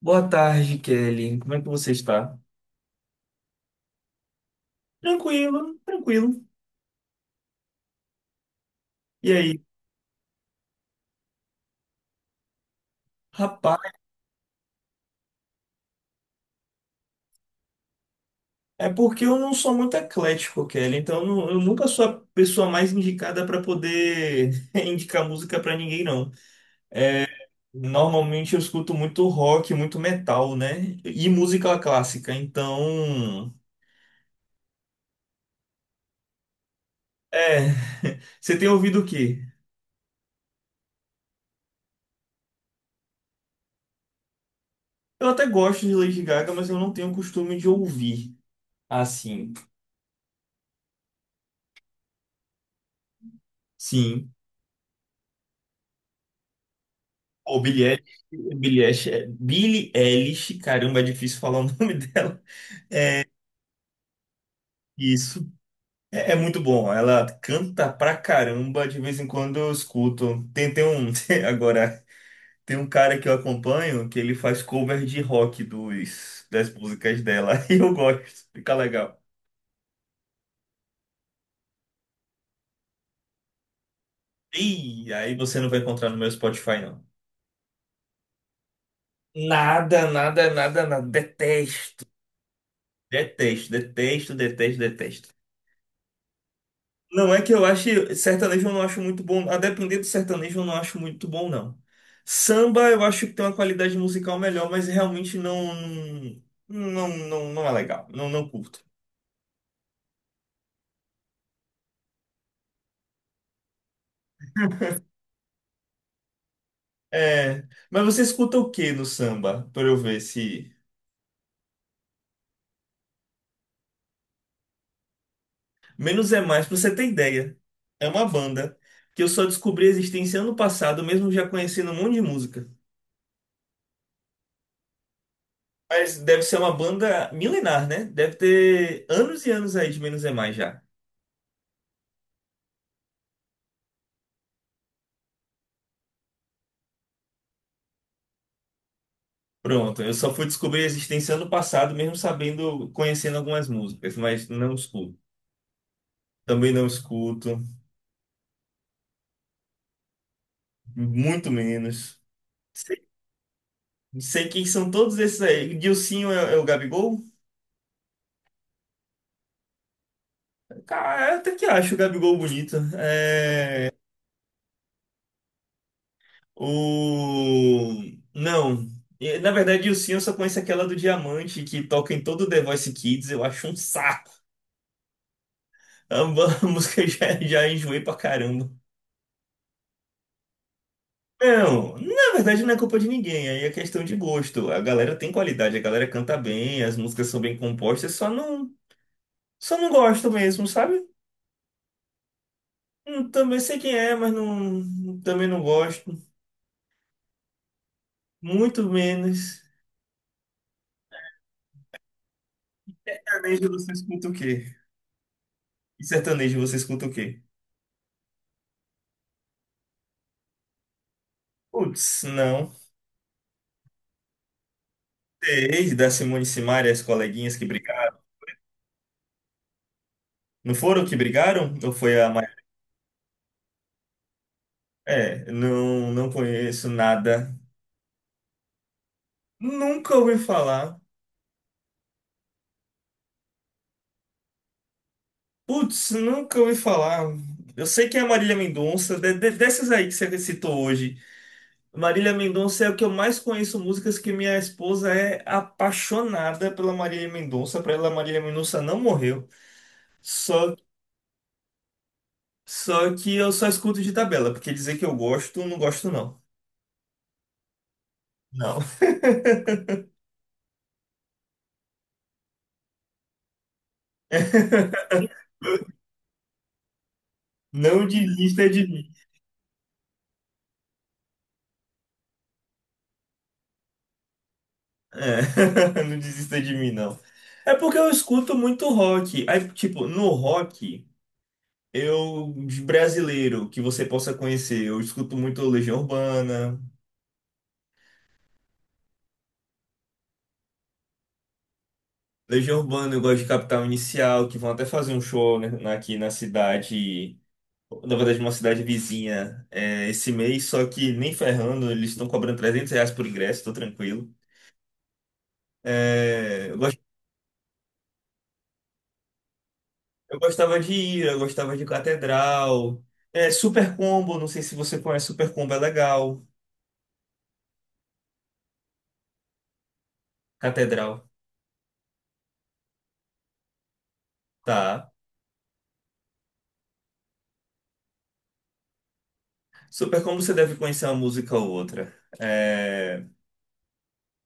Boa tarde, Kelly. Como é que você está? Tranquilo, tranquilo. E aí? Rapaz, é porque eu não sou muito eclético, Kelly, então eu nunca sou a pessoa mais indicada para poder indicar música para ninguém, não. Normalmente eu escuto muito rock, muito metal, né? E música clássica, então. É. Você tem ouvido o quê? Eu até gosto de Lady Gaga, mas eu não tenho costume de ouvir assim. Sim. O Billie Eilish, caramba, é difícil falar o nome dela. Isso é muito bom. Ela canta pra caramba, de vez em quando eu escuto. Agora, tem um cara que eu acompanho que ele faz cover de rock dos, das músicas dela. E eu gosto, fica legal. E aí você não vai encontrar no meu Spotify, não. Nada, nada, nada, nada. Detesto. Detesto, detesto, detesto, detesto. Não é que eu ache sertanejo, eu não acho muito bom, a depender do sertanejo eu não acho muito bom, não. Samba eu acho que tem uma qualidade musical melhor, mas realmente não, não, não, não é legal, não, não curto. É, mas você escuta o que no samba? Pra eu ver se. Menos é Mais, pra você ter ideia. É uma banda que eu só descobri a existência ano passado, mesmo já conhecendo um monte de música. Mas deve ser uma banda milenar, né? Deve ter anos e anos aí de Menos é Mais já. Pronto, eu só fui descobrir a existência ano passado, mesmo sabendo, conhecendo algumas músicas, mas não escuto. Também não escuto, muito menos. Sei, sei quem são todos esses aí. Dilsinho é o Gabigol? Cara, eu até que acho o Gabigol bonito. É, o... Não. E, na verdade, Dilsinho eu só conheço aquela do Diamante, que toca em todo o The Voice Kids. Eu acho um saco. A a música já, já enjoei pra caramba. Não, na verdade não é culpa de ninguém, aí é questão de gosto. A galera tem qualidade, a galera canta bem, as músicas são bem compostas, só não gosto mesmo, sabe? Também sei quem é, mas não, também não gosto. Muito menos. Sertanejo você escuta o quê? E sertanejo você escuta o quê? Putz, não. Desde da Simone e Simaria, as coleguinhas que brigaram. Não foram que brigaram? Ou foi a Maria? É, não, não conheço nada. Nunca ouvi falar. Putz, nunca ouvi falar. Eu sei que é a Marília Mendonça, dessas aí que você citou hoje. Marília Mendonça é o que eu mais conheço, músicas que minha esposa é apaixonada pela Marília Mendonça. Pra ela, Marília Mendonça não morreu. Só, só, que eu só escuto de tabela, porque dizer que eu gosto, não gosto, não. Não. Não desista de mim. É, não desista de mim, não. É porque eu escuto muito rock. Aí, tipo, no rock. Eu, de brasileiro, que você possa conhecer, eu escuto muito Legião Urbana. Legião Urbana, eu gosto de Capital Inicial, que vão até fazer um show, né, aqui na cidade, na verdade, uma cidade vizinha, é, esse mês, só que nem ferrando, eles estão cobrando R$ 300 por ingresso, tô tranquilo. É, eu gostava de ir, eu gostava de Catedral. É, Super Combo, não sei se você conhece, Super Combo é legal. Catedral, tá. Super Combo você deve conhecer uma música ou outra. É,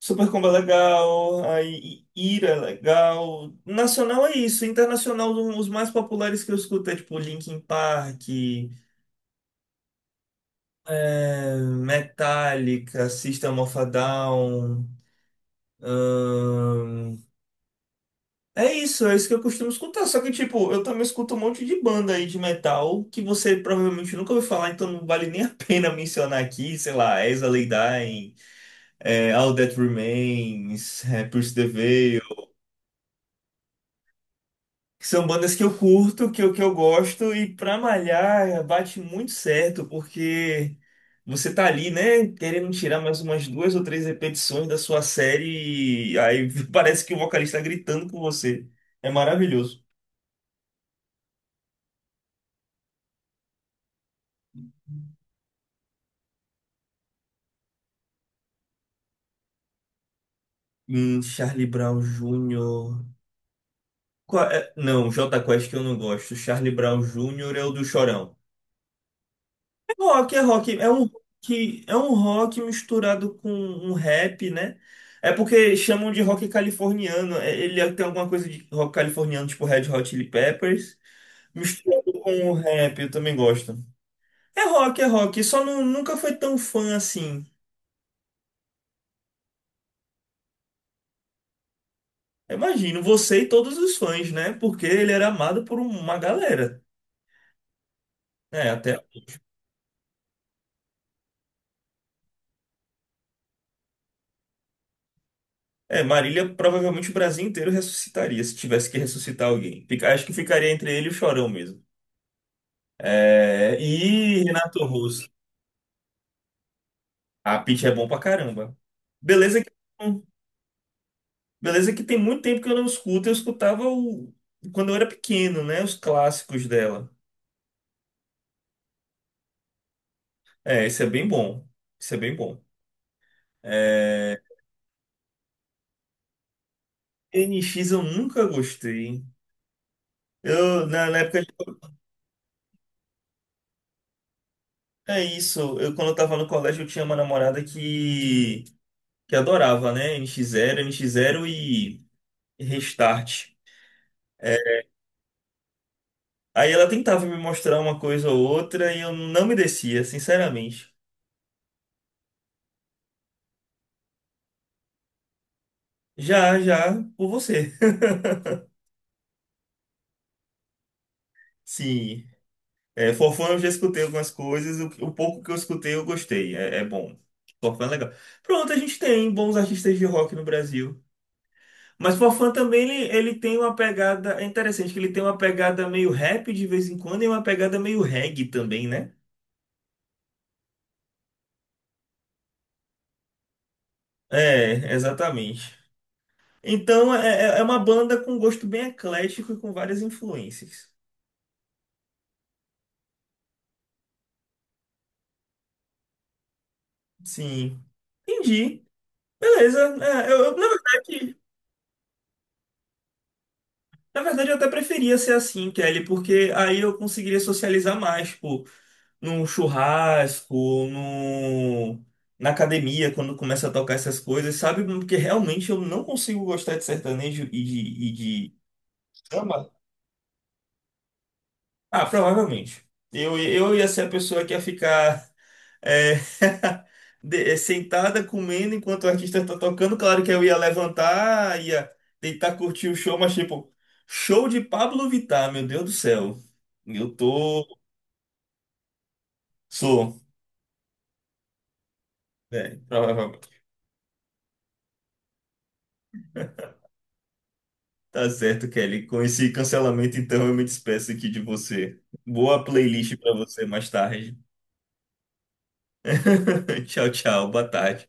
Supercombo é legal, aí Ira é legal. Nacional é isso, internacional, os mais populares que eu escuto é tipo Linkin Park, é, Metallica, System of a Down. ahn, É isso, é isso que eu costumo escutar. Só que tipo, eu também escuto um monte de banda aí de metal que você provavelmente nunca ouviu falar, então não vale nem a pena mencionar aqui, sei lá, Exa Lay Dying, é, All That Remains, é, Push the Veil. Que são bandas que eu curto, que eu gosto, e pra malhar bate muito certo, porque você tá ali, né, querendo tirar mais umas duas ou três repetições da sua série, e aí parece que o vocalista tá gritando com você. É maravilhoso. Charlie Brown Jr. Qual é? Não, Jota Quest que eu não gosto. Charlie Brown Jr. é o do Chorão. Rock é rock, é um rock misturado com um rap, né? É porque chamam de rock californiano. Ele é, tem alguma coisa de rock californiano, tipo Red Hot Chili Peppers, misturado com o rap, eu também gosto. É rock, só não- nunca foi tão fã assim. Eu imagino, você e todos os fãs, né? Porque ele era amado por uma galera, né? Até é, Marília, provavelmente o Brasil inteiro ressuscitaria se tivesse que ressuscitar alguém. Acho que ficaria entre ele e o Chorão mesmo. É, e Renato Russo. A Pitty é bom pra caramba. Beleza que, beleza que tem muito tempo que eu não escuto. Eu quando eu era pequeno, né? Os clássicos dela. É, isso é bem bom. Isso é bem bom. É, NX eu nunca gostei. Eu, na época, é isso. Eu, quando eu tava no colégio, eu tinha uma namorada que adorava, né? NX Zero, NX Zero e Restart. É, aí ela tentava me mostrar uma coisa ou outra e eu não me descia, sinceramente. Já, já, por você. Sim, é, Forfã eu já escutei algumas coisas, o pouco que eu escutei eu gostei, é bom. Forfã é legal. Pronto, a gente tem bons artistas de rock no Brasil. Mas Forfã também, ele tem uma pegada, é interessante que ele tem uma pegada meio rap de vez em quando e uma pegada meio reggae também, né? É, exatamente. Então é uma banda com gosto bem eclético e com várias influências. Sim. Entendi. Beleza. É, na verdade, eu até preferia ser assim, Kelly, porque aí eu conseguiria socializar mais, tipo, num churrasco, num, na academia, quando começa a tocar essas coisas, sabe? Porque realmente eu não consigo gostar de sertanejo e de samba. Ah, provavelmente. Eu ia ser a pessoa que ia ficar. é, É sentada comendo enquanto o artista tá tocando. Claro que eu ia levantar, ia tentar curtir o show, mas tipo, show de Pablo Vittar, meu Deus do céu. Eu tô. Sou. É, provavelmente. Tá certo, Kelly. Com esse cancelamento, então eu me despeço aqui de você. Boa playlist pra você mais tarde. Tchau, tchau. Boa tarde.